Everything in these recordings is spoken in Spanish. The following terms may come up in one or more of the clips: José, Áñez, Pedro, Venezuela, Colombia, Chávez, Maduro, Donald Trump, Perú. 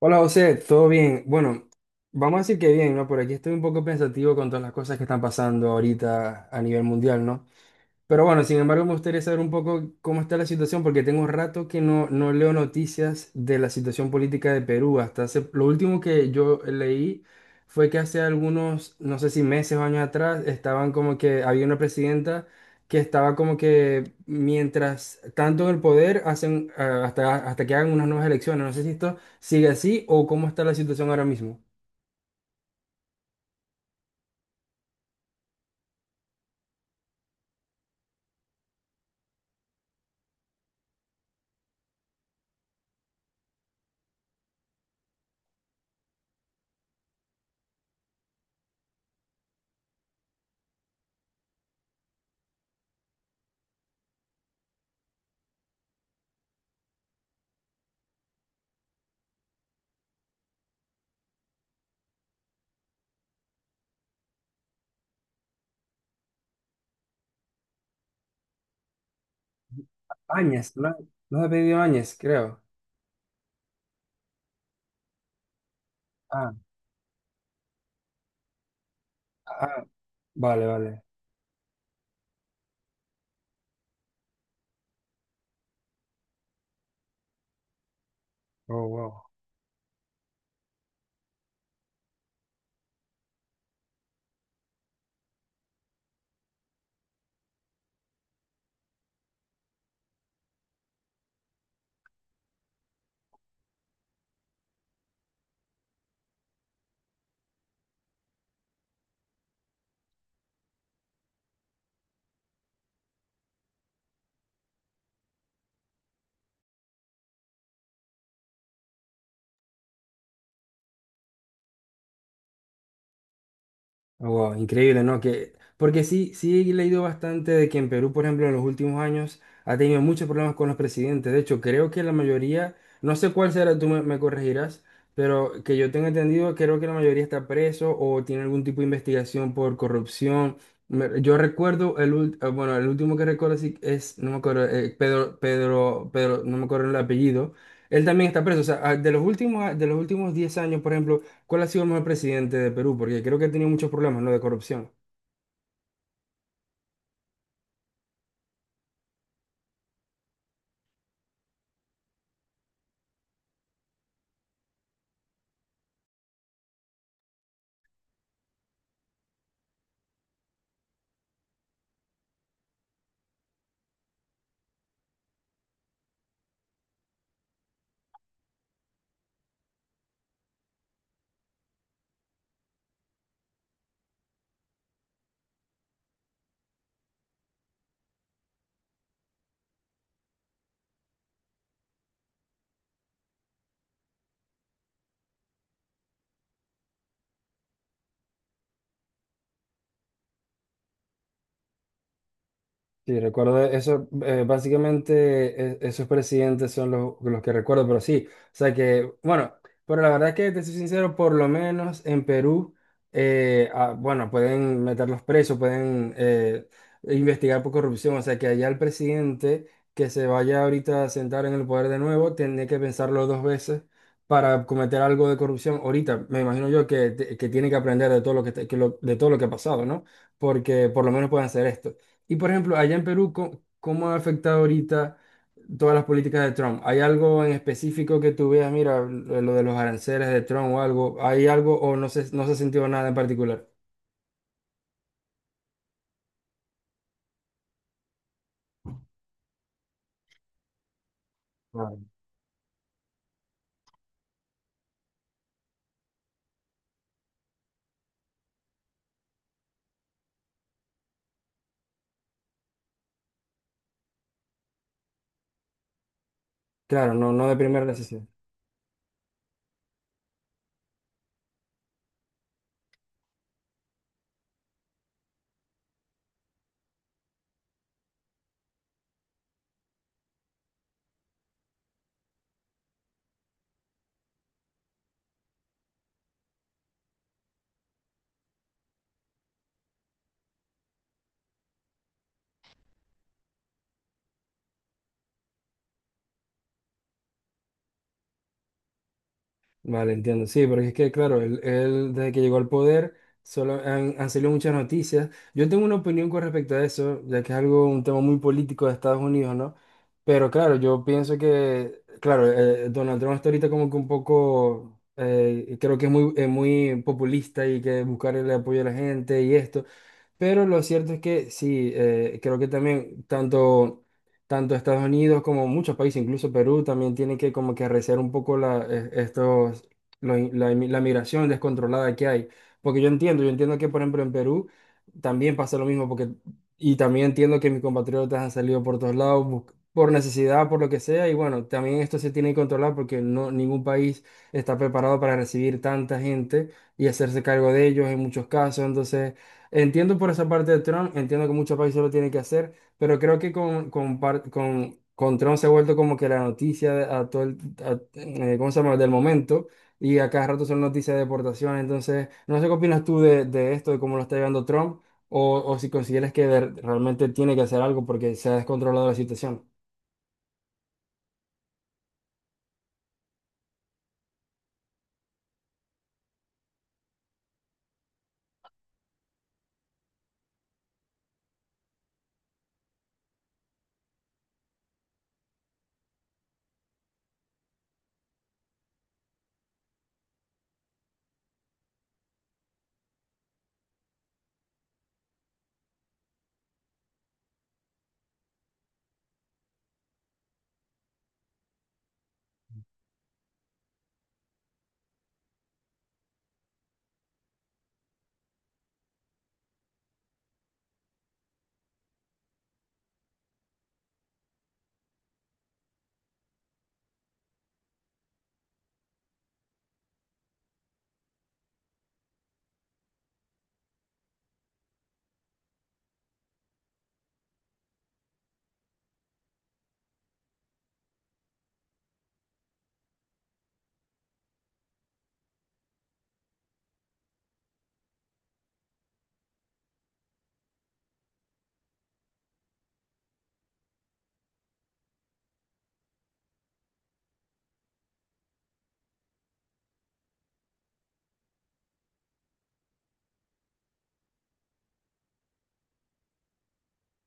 Hola José, ¿todo bien? Bueno, vamos a decir que bien, ¿no? Por aquí estoy un poco pensativo con todas las cosas que están pasando ahorita a nivel mundial, ¿no? Pero bueno, sin embargo, me gustaría saber un poco cómo está la situación, porque tengo un rato que no leo noticias de la situación política de Perú. Hasta hace, lo último que yo leí fue que hace algunos, no sé si meses o años atrás, estaban como que había una presidenta que estaba como que mientras tanto en el poder hacen hasta, hasta que hagan unas nuevas elecciones. No sé si esto sigue así o cómo está la situación ahora mismo. Áñez, no, no ha pedido Áñez, creo. Ah, ah, vale, vale. Oh, wow. Wow, increíble, ¿no? Que, porque sí, sí he leído bastante de que en Perú, por ejemplo, en los últimos años ha tenido muchos problemas con los presidentes. De hecho, creo que la mayoría, no sé cuál será, tú me corregirás, pero que yo tenga entendido, creo que la mayoría está preso o tiene algún tipo de investigación por corrupción. Yo recuerdo, bueno, el último que recuerdo sí es, no me acuerdo, Pedro, Pedro, Pedro, no me acuerdo el apellido. Él también está preso. O sea, ah, de los últimos 10 años, por ejemplo. ¿Cuál ha sido el mejor presidente de Perú? Porque creo que ha tenido muchos problemas, ¿no? De corrupción. Sí, recuerdo eso, básicamente esos presidentes son los que recuerdo, pero sí, o sea que, bueno, pero la verdad es que, te soy sincero, por lo menos en Perú, bueno, pueden meterlos presos, pueden investigar por corrupción, o sea que allá el presidente que se vaya ahorita a sentar en el poder de nuevo, tiene que pensarlo dos veces para cometer algo de corrupción. Ahorita, me imagino yo que tiene que aprender de todo lo que, de todo lo que ha pasado, ¿no? Porque por lo menos pueden hacer esto. Y por ejemplo, allá en Perú, ¿cómo ha afectado ahorita todas las políticas de Trump? ¿Hay algo en específico que tú veas, mira, lo de los aranceles de Trump o algo? ¿Hay algo o no se ha sentido nada en particular? Claro. Claro, no, no de primera necesidad. Vale, entiendo. Sí, porque es que, claro, él, desde que llegó al poder solo han, han salido muchas noticias. Yo tengo una opinión con respecto a eso, ya que es algo, un tema muy político de Estados Unidos, ¿no? Pero claro, yo pienso que, claro, Donald Trump está ahorita como que un poco, creo que es muy, muy populista y que buscar el apoyo de la gente y esto. Pero lo cierto es que sí, creo que también tanto, tanto Estados Unidos como muchos países, incluso Perú, también tienen que como que arreciar un poco la, estos, lo in- la, inmi- la migración descontrolada que hay. Porque yo entiendo que por ejemplo en Perú también pasa lo mismo, porque, y también entiendo que mis compatriotas han salido por todos lados por necesidad, por lo que sea, y bueno, también esto se tiene que controlar porque no, ningún país está preparado para recibir tanta gente y hacerse cargo de ellos en muchos casos, entonces... Entiendo por esa parte de Trump, entiendo que muchos países lo tienen que hacer, pero creo que con Trump se ha vuelto como que la noticia a todo ¿cómo se llama? Del momento y a cada rato son noticias de deportación. Entonces, no sé qué opinas tú de esto, de cómo lo está llevando Trump, o si consideras que realmente tiene que hacer algo porque se ha descontrolado la situación.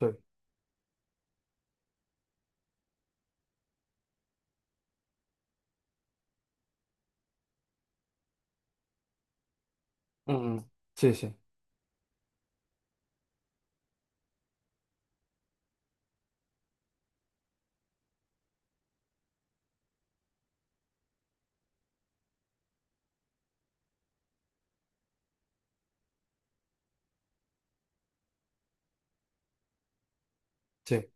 Sí. Mm, sí, sí, sí,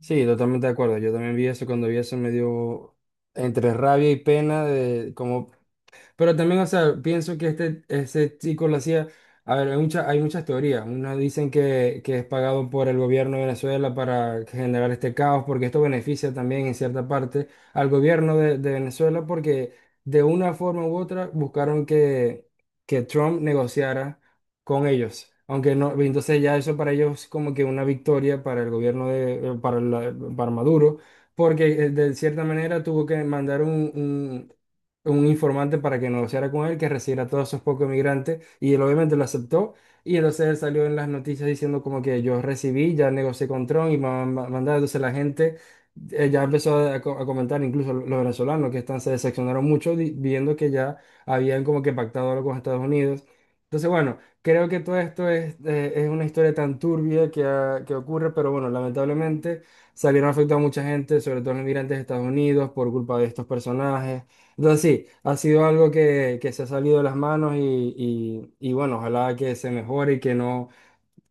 sí, totalmente de acuerdo. Yo también vi eso, cuando vi eso me dio entre rabia y pena de cómo. Pero también, o sea, pienso que este, ese chico lo hacía, a ver, hay hay muchas teorías. Unos dicen que es pagado por el gobierno de Venezuela para generar este caos, porque esto beneficia también en cierta parte al gobierno de Venezuela, porque de una forma u otra buscaron que Trump negociara con ellos. Aunque no, entonces ya eso para ellos es como que una victoria para el gobierno de, para, para Maduro, porque de cierta manera tuvo que mandar un- un informante para que negociara con él, que recibiera a todos esos pocos migrantes, y él obviamente lo aceptó, y entonces él salió en las noticias diciendo como que yo recibí, ya negocié con Trump y mandaba, entonces la gente ya empezó a, a comentar, incluso los venezolanos que están, se decepcionaron mucho viendo que ya habían como que pactado algo con Estados Unidos. Entonces, bueno, creo que todo esto es una historia tan turbia que, que ocurre, pero bueno, lamentablemente salieron afectados a mucha gente, sobre todo los migrantes de Estados Unidos, por culpa de estos personajes. Entonces sí, ha sido algo que se ha salido de las manos y, bueno, ojalá que se mejore y que no,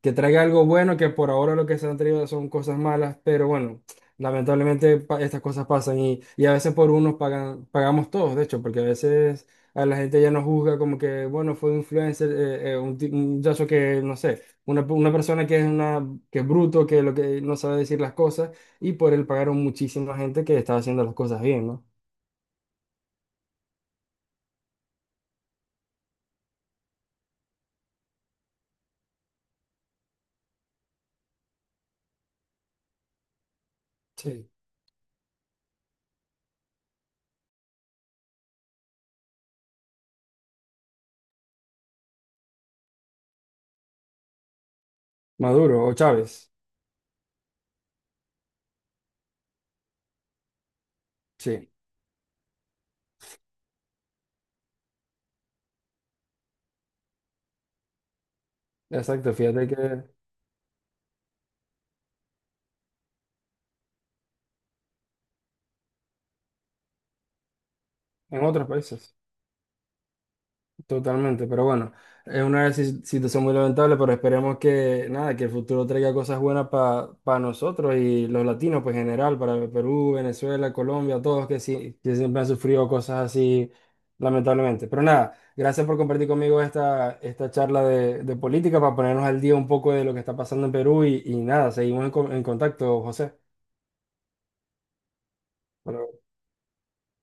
que traiga algo bueno, que por ahora lo que se han traído son cosas malas, pero bueno, lamentablemente estas cosas pasan y a veces por unos pagan, pagamos todos, de hecho, porque a veces a la gente ya nos juzga como que, bueno, fue un influencer, un, un muchacho que, no sé, una persona que es una, que es bruto, que lo que no sabe decir las cosas y por él pagaron muchísima gente que estaba haciendo las cosas bien, ¿no? Sí. Maduro o Chávez. Sí, exacto. Fíjate que en otros países, totalmente. Pero bueno, es una situación muy lamentable, pero esperemos que nada, que el futuro traiga cosas buenas para nosotros y los latinos, pues en general, para Perú, Venezuela, Colombia, todos que sí, que siempre han sufrido cosas así, lamentablemente. Pero nada, gracias por compartir conmigo esta, esta charla de política para ponernos al día un poco de lo que está pasando en Perú y nada, seguimos en, en contacto, José. Bueno,